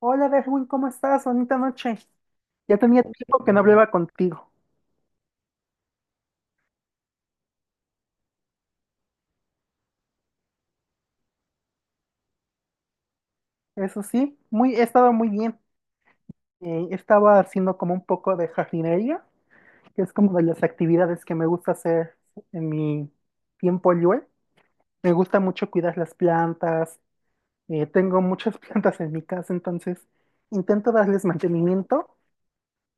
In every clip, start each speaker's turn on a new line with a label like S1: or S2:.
S1: Hola, Berwin, ¿cómo estás? Bonita noche. Ya tenía tiempo que no hablaba contigo. Eso sí, he estado muy bien. Estaba haciendo como un poco de jardinería, que es como de las actividades que me gusta hacer en mi tiempo libre. Me gusta mucho cuidar las plantas. Tengo muchas plantas en mi casa, entonces intento darles mantenimiento.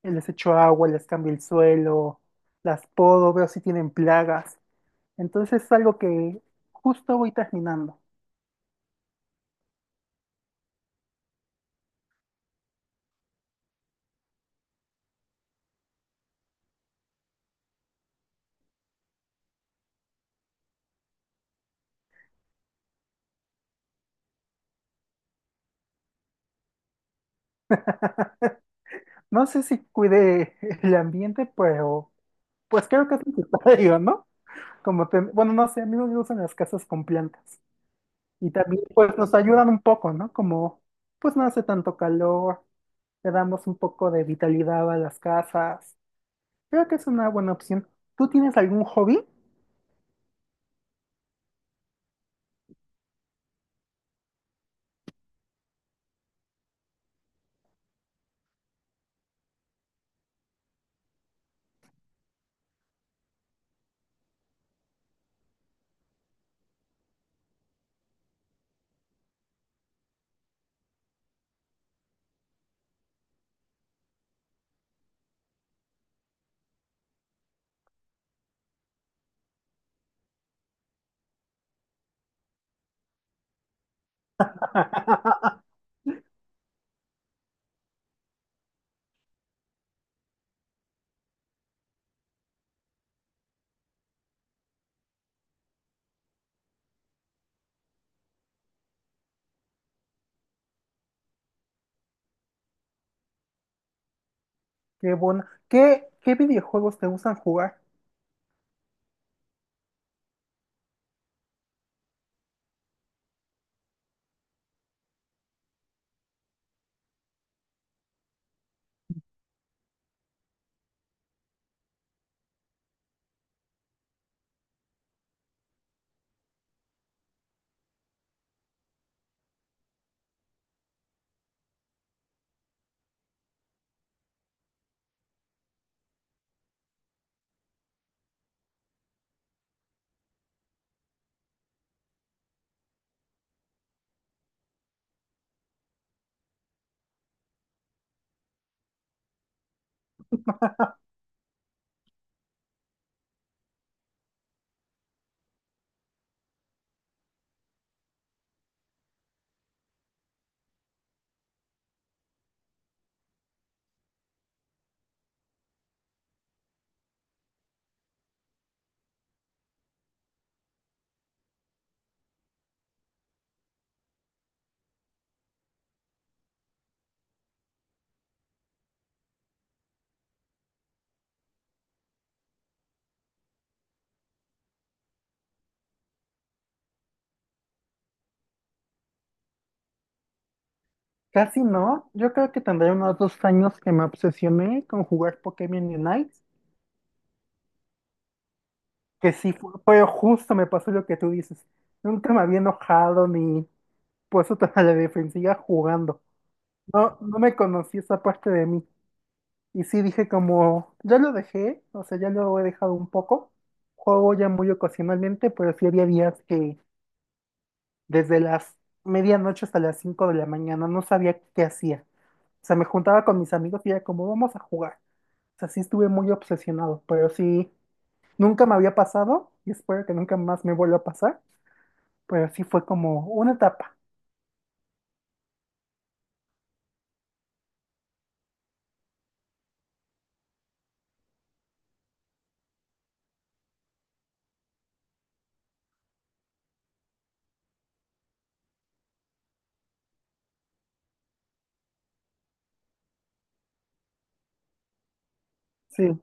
S1: Les echo agua, les cambio el suelo, las podo, veo si tienen plagas. Entonces es algo que justo voy terminando. No sé si cuide el ambiente, pero pues creo que es necesario, ¿no? Bueno, no sé, a mí no me gustan las casas con plantas. Y también pues nos ayudan un poco, ¿no? Como pues no hace tanto calor, le damos un poco de vitalidad a las casas. Creo que es una buena opción. ¿Tú tienes algún hobby? Qué bueno. Qué videojuegos te gustan jugar? Casi no. Yo creo que tendré unos 2 años que me obsesioné con jugar Pokémon Unite. Que sí fue, justo, me pasó lo que tú dices. Nunca me había enojado ni puesto toda la defensiva jugando. No me conocí esa parte de mí. Y sí dije como, ya lo dejé, o sea, ya lo he dejado un poco. Juego ya muy ocasionalmente, pero sí había días que desde las medianoche hasta las 5 de la mañana no sabía qué hacía. O sea, me juntaba con mis amigos y era como, vamos a jugar. O sea, sí estuve muy obsesionado, pero sí, nunca me había pasado y espero que nunca más me vuelva a pasar. Pero sí fue como una etapa. Sí,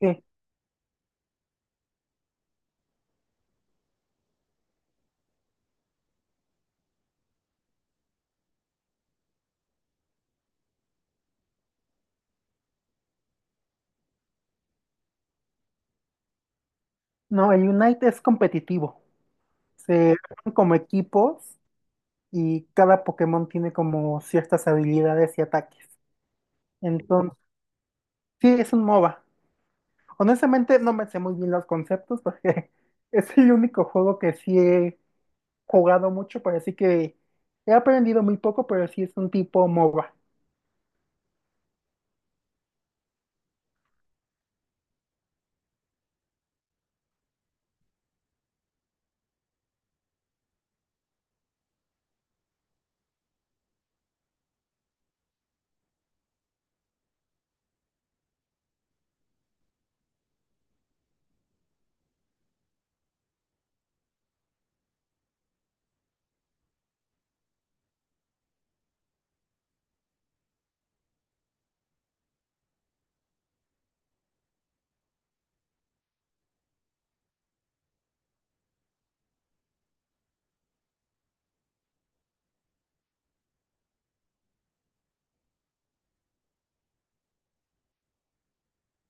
S1: sí. No, el Unite es competitivo. Se arman como equipos y cada Pokémon tiene como ciertas habilidades y ataques. Entonces, sí, es un MOBA. Honestamente, no me sé muy bien los conceptos porque es el único juego que sí he jugado mucho, pero así que he aprendido muy poco, pero sí es un tipo MOBA.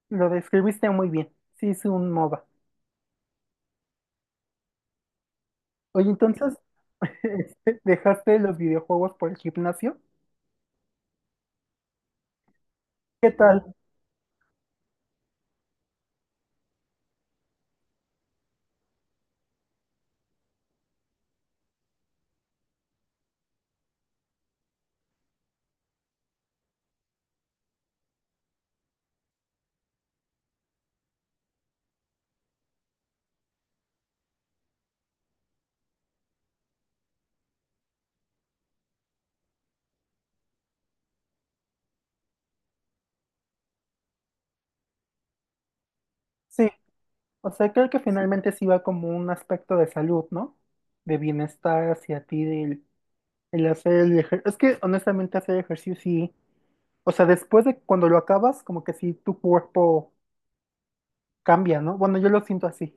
S1: Lo describiste muy bien. Sí, es un MOBA. Oye, entonces, ¿dejaste los videojuegos por el gimnasio? ¿Qué tal? Sí, o sea, creo que finalmente sí va como un aspecto de salud, ¿no? De bienestar hacia ti, del el hacer el ejercicio. Es que honestamente hacer ejercicio sí, o sea, después de cuando lo acabas, como que sí tu cuerpo cambia, ¿no? Bueno, yo lo siento así.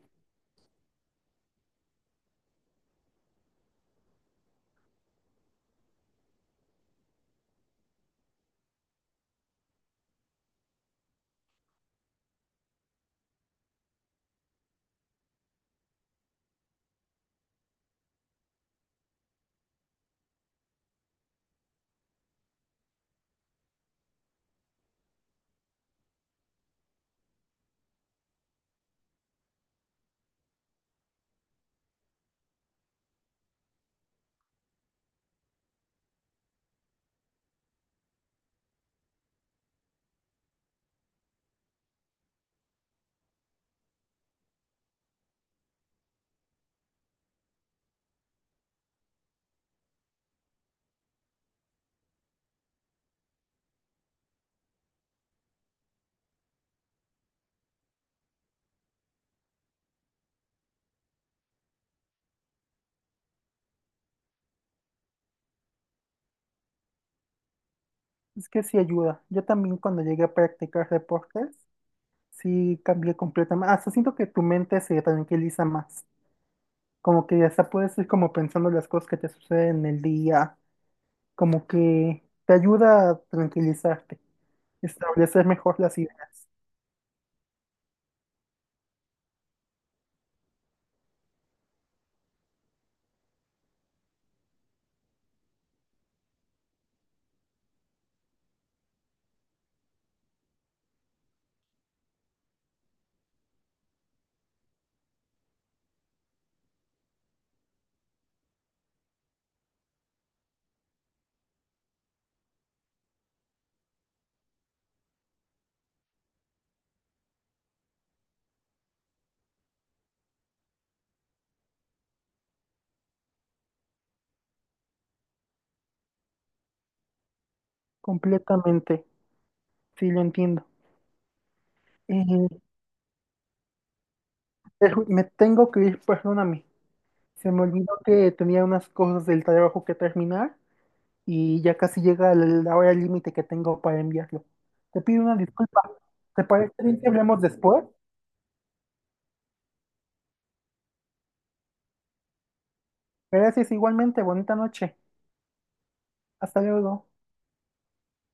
S1: Es que sí ayuda. Yo también cuando llegué a practicar deportes, sí cambié completamente. Hasta siento que tu mente se tranquiliza más. Como que hasta puedes ir como pensando las cosas que te suceden en el día como que te ayuda a tranquilizarte, establecer mejor las ideas. Completamente, sí lo entiendo. Eh, pero me tengo que ir, perdóname. Se me olvidó que tenía unas cosas del trabajo que terminar y ya casi llega la hora límite que tengo para enviarlo. Te pido una disculpa. ¿Te parece bien que hablemos después? Gracias igualmente, bonita noche. Hasta luego.